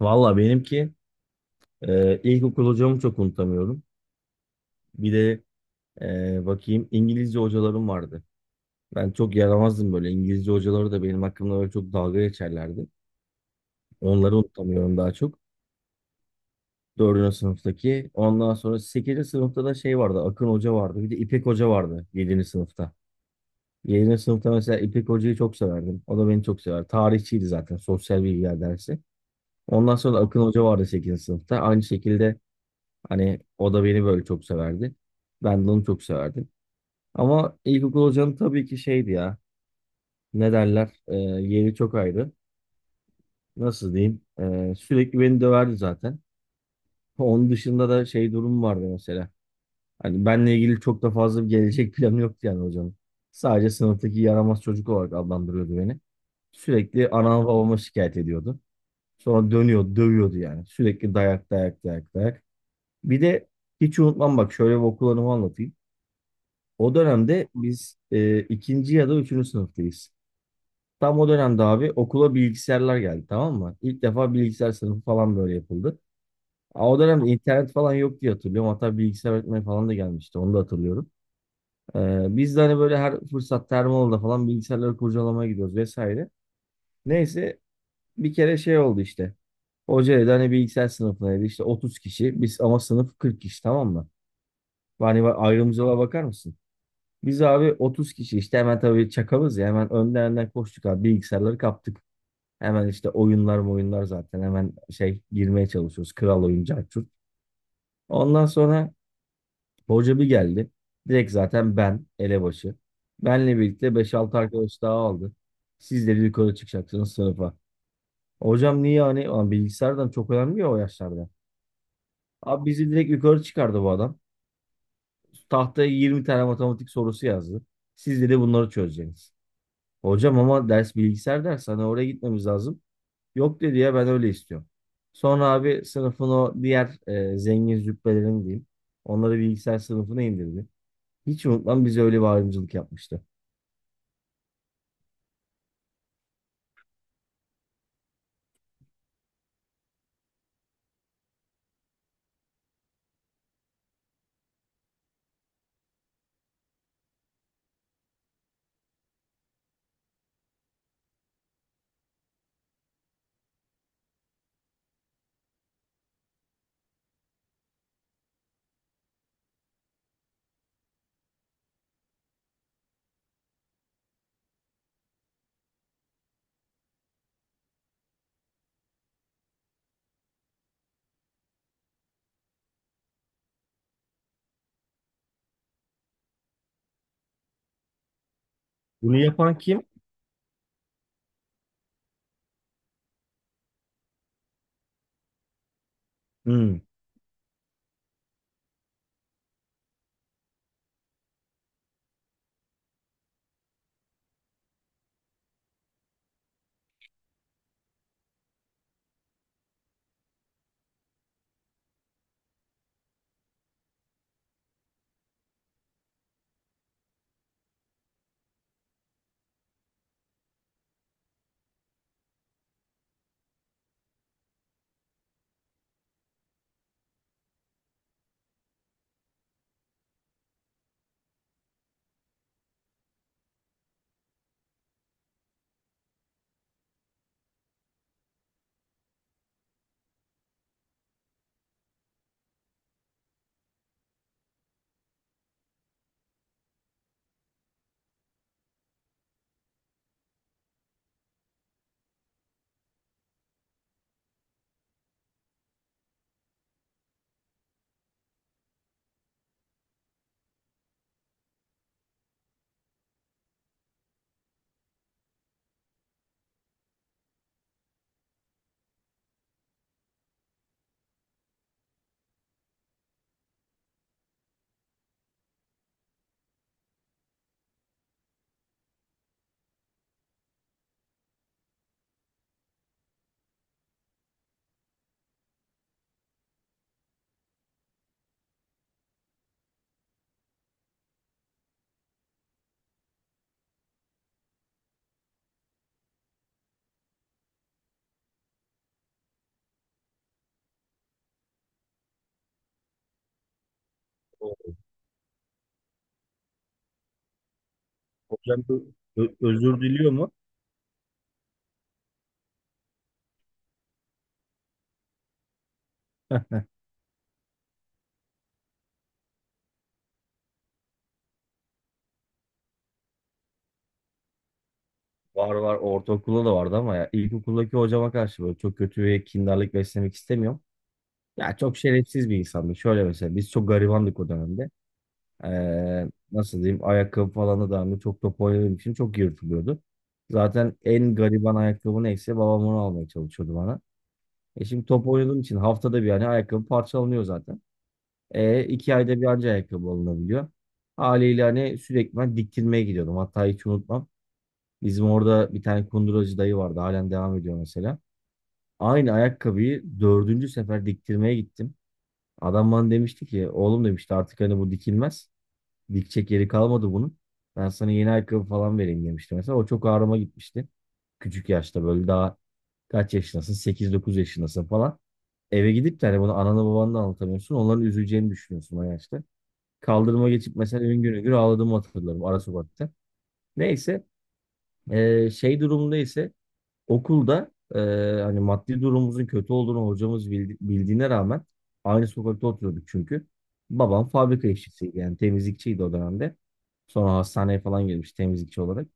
Valla benimki ilkokul hocamı çok unutamıyorum. Bir de bakayım İngilizce hocalarım vardı. Ben çok yaramazdım böyle. İngilizce hocaları da benim hakkımda böyle çok dalga geçerlerdi. Onları unutamıyorum daha çok. Dördüncü sınıftaki. Ondan sonra sekizinci sınıfta da şey vardı. Akın Hoca vardı. Bir de İpek Hoca vardı yedinci sınıfta. Yedinci sınıfta mesela İpek Hoca'yı çok severdim. O da beni çok sever. Tarihçiydi zaten. Sosyal bilgiler dersi. Ondan sonra da Akın Hoca vardı sekizinci sınıfta. Aynı şekilde hani o da beni böyle çok severdi. Ben de onu çok severdim. Ama ilkokul hocanın tabii ki şeydi ya. Ne derler? Yeri çok ayrı. Nasıl diyeyim? Sürekli beni döverdi zaten. Onun dışında da şey durum vardı mesela. Hani benle ilgili çok da fazla bir gelecek planı yoktu yani hocanın. Sadece sınıftaki yaramaz çocuk olarak adlandırıyordu beni. Sürekli anama babama şikayet ediyordu. Sonra dönüyor, dövüyordu yani. Sürekli dayak, dayak, dayak, dayak. Bir de hiç unutmam, bak şöyle bir okul anımı anlatayım. O dönemde biz ikinci ya da üçüncü sınıftayız. Tam o dönemde abi okula bilgisayarlar geldi, tamam mı? İlk defa bilgisayar sınıfı falan böyle yapıldı. O dönemde internet falan yok diye hatırlıyorum. Hatta bilgisayar öğretmeni falan da gelmişti. Onu da hatırlıyorum. Biz de hani böyle her fırsatta her falan bilgisayarları kurcalamaya gidiyoruz vesaire. Neyse, bir kere şey oldu işte. Hoca dedi hani bilgisayar sınıfına dedi işte 30 kişi. Biz ama sınıf 40 kişi, tamam mı? Yani ayrımcılığa bakar mısın? Biz abi 30 kişi işte, hemen tabii çakalız ya, hemen önden önden koştuk abi, bilgisayarları kaptık. Hemen işte oyunlar oyunlar zaten hemen şey girmeye çalışıyoruz. Kral oyuncu Arthur. Ondan sonra hoca bir geldi. Direkt zaten ben elebaşı. Benle birlikte beş 6 arkadaş daha aldı. Siz de yukarı çıkacaksınız sınıfa. Hocam niye, hani ulan bilgisayardan çok önemli ya o yaşlarda. Abi bizi direkt yukarı çıkardı bu adam. Tahtaya 20 tane matematik sorusu yazdı. Siz de bunları çözeceksiniz. Hocam ama ders bilgisayar dersi, hani oraya gitmemiz lazım. Yok dedi ya, ben öyle istiyorum. Sonra abi sınıfın o diğer zengin züppelerini diyeyim. Onları bilgisayar sınıfına indirdi. Hiç unutmam, bize öyle bir ayrımcılık yapmıştı. Bunu yapan kim? Hmm. O- Hocam bu özür diliyor mu? Var var, ortaokulda da vardı ama ya ilkokuldaki hocama karşı böyle çok kötü ve kindarlık beslemek istemiyorum. Ya çok şerefsiz bir insandı. Şöyle mesela, biz çok garibandık o dönemde. Nasıl diyeyim, ayakkabı falan da dahil, çok top oynadığım için çok yırtılıyordu. Zaten en gariban ayakkabı neyse babam onu almaya çalışıyordu bana. E şimdi top oynadığım için haftada bir yani ayakkabı parçalanıyor zaten. İki ayda bir anca ayakkabı alınabiliyor. Haliyle hani sürekli ben diktirmeye gidiyordum. Hatta hiç unutmam. Bizim orada bir tane kunduracı dayı vardı. Halen devam ediyor mesela. Aynı ayakkabıyı dördüncü sefer diktirmeye gittim. Adam bana demişti ki oğlum demişti artık hani bu dikilmez. Dikecek yeri kalmadı bunun. Ben sana yeni ayakkabı falan vereyim demişti mesela. O çok ağrıma gitmişti. Küçük yaşta böyle daha kaç yaşındasın? 8-9 yaşındasın falan. Eve gidip de hani bunu anana babanla anlatamıyorsun. Onların üzüleceğini düşünüyorsun o yaşta. Kaldırıma geçip mesela üngür üngür ağladığımı hatırlarım ara sokakta. Neyse, şey durumunda ise okulda, hani maddi durumumuzun kötü olduğunu hocamız bildiğine rağmen aynı sokakta oturuyorduk çünkü. Babam fabrika işçisiydi, yani temizlikçiydi o dönemde. Sonra hastaneye falan girmiş temizlikçi olarak.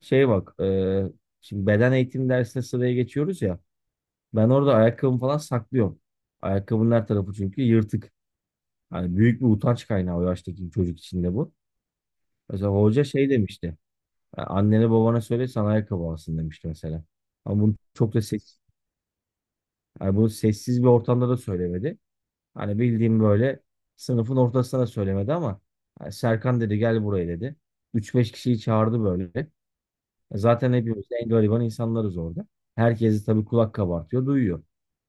Şey bak, şimdi beden eğitim dersine sıraya geçiyoruz ya. Ben orada ayakkabımı falan saklıyorum. Ayakkabının her tarafı çünkü yırtık. Hani büyük bir utanç kaynağı o yaştaki çocuk için de bu. Mesela hoca şey demişti. "Ya annene babana söyle sana ayakkabı alsın" demişti mesela. Ama bunu çok da seksi. Yani bunu sessiz bir ortamda da söylemedi. Hani bildiğim böyle sınıfın ortasına da söylemedi ama hani Serkan dedi, gel buraya dedi. Üç beş kişiyi çağırdı böyle. E zaten hepimiz en gariban insanlarız orada. Herkesi tabii kulak kabartıyor, duyuyor.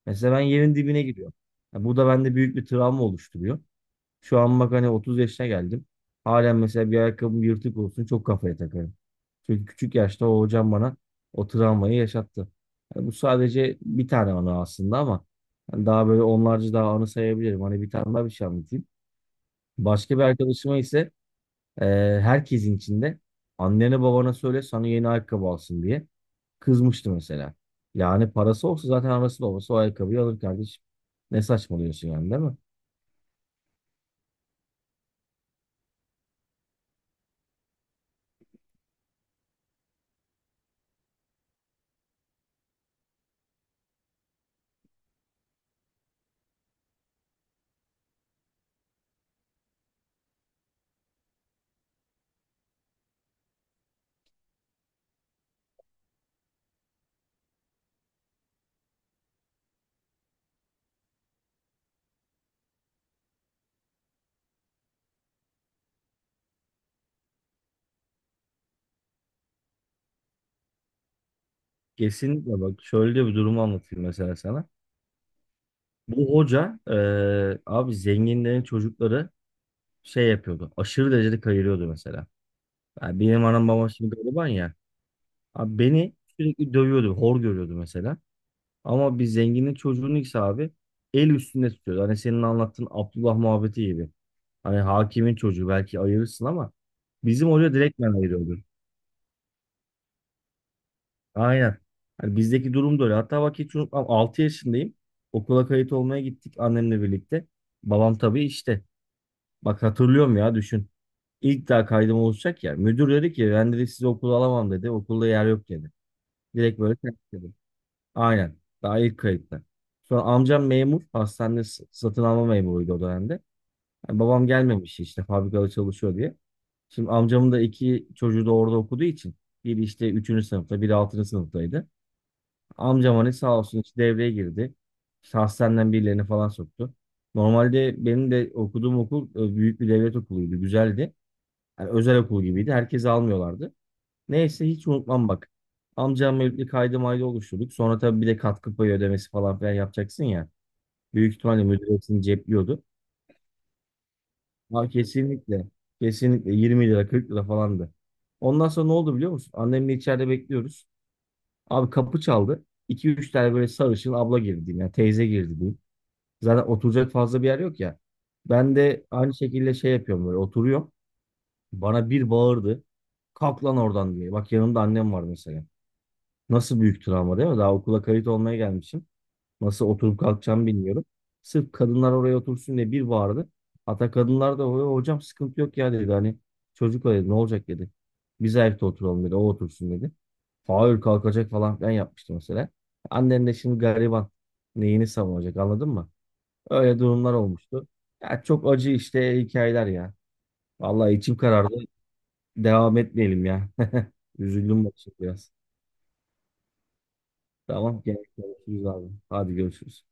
Mesela ben yerin dibine giriyorum. Ya bu da bende büyük bir travma oluşturuyor. Şu an bak hani 30 yaşına geldim. Halen mesela bir ayakkabım yırtık olsun çok kafaya takarım. Çünkü küçük yaşta o hocam bana o travmayı yaşattı. Yani bu sadece bir tane anı aslında ama hani daha böyle onlarca daha anı sayabilirim. Hani bir tane daha bir şey anlatayım. Başka bir arkadaşıma ise e, herkesin içinde annene babana söyle sana yeni ayakkabı alsın diye kızmıştı mesela. Yani parası olsa zaten anası babası o ayakkabıyı alır kardeşim. Ne saçmalıyorsun yani, değil mi? Kesinlikle, bak şöyle bir durumu anlatayım mesela sana. Bu hoca abi zenginlerin çocukları şey yapıyordu. Aşırı derecede kayırıyordu mesela. Yani benim anam babam şimdi gariban ya. Abi beni sürekli dövüyordu. Hor görüyordu mesela. Ama bir zenginin çocuğunu ise abi el üstünde tutuyordu. Hani senin anlattığın Abdullah muhabbeti gibi. Hani hakimin çocuğu belki ayırırsın ama bizim hoca direktmen ayırıyordu. Aynen. Hani bizdeki durum da öyle. Hatta bak hiç unutmam, 6 yaşındayım. Okula kayıt olmaya gittik annemle birlikte. Babam tabii işte. Bak hatırlıyorum ya, düşün. İlk daha kaydım olacak ya. Müdür dedi ki ben dedi sizi okula alamam dedi. Okulda yer yok dedi. Direkt böyle terk dedi. Aynen. Daha ilk kayıtta. Sonra amcam memur. Hastanede satın alma memuruydu o dönemde. Yani babam gelmemiş işte fabrikada çalışıyor diye. Şimdi amcamın da iki çocuğu da orada okuduğu için. Biri işte üçüncü sınıfta, biri altıncı sınıftaydı. Amcam hani sağ olsun hiç devreye girdi. İşte hastaneden birilerini falan soktu. Normalde benim de okuduğum okul büyük bir devlet okuluydu. Güzeldi. Yani özel okul gibiydi. Herkesi almıyorlardı. Neyse hiç unutmam bak. Amcamla birlikte kaydı maydı oluşturduk. Sonra tabii bir de katkı payı ödemesi falan filan yapacaksın ya. Büyük ihtimalle müdür hepsini cepliyordu. Ama kesinlikle 20 lira 40 lira falandı. Ondan sonra ne oldu biliyor musun? Annemle içeride bekliyoruz. Abi kapı çaldı. 2 üç tane böyle sarışın abla girdi diyeyim. Yani teyze girdi diyeyim. Zaten oturacak fazla bir yer yok ya. Ben de aynı şekilde şey yapıyorum böyle oturuyorum. Bana bir bağırdı. Kalk lan oradan diye. Bak yanımda annem var mesela. Nasıl büyük travma, değil mi? Daha okula kayıt olmaya gelmişim. Nasıl oturup kalkacağımı bilmiyorum. Sırf kadınlar oraya otursun diye bir bağırdı. Hatta kadınlar da hocam sıkıntı yok ya" dedi. Hani çocuk o dedi ne olacak dedi. Biz ayakta oturalım dedi. O otursun dedi. Hayır, kalkacak falan filan yapmıştı mesela. Annen de şimdi gariban. Neyini savunacak, anladın mı? Öyle durumlar olmuştu. Ya çok acı işte hikayeler ya. Vallahi içim karardı. Devam etmeyelim ya. Üzüldüm bak şimdi biraz. Tamam, gene görüşürüz abi. Hadi görüşürüz.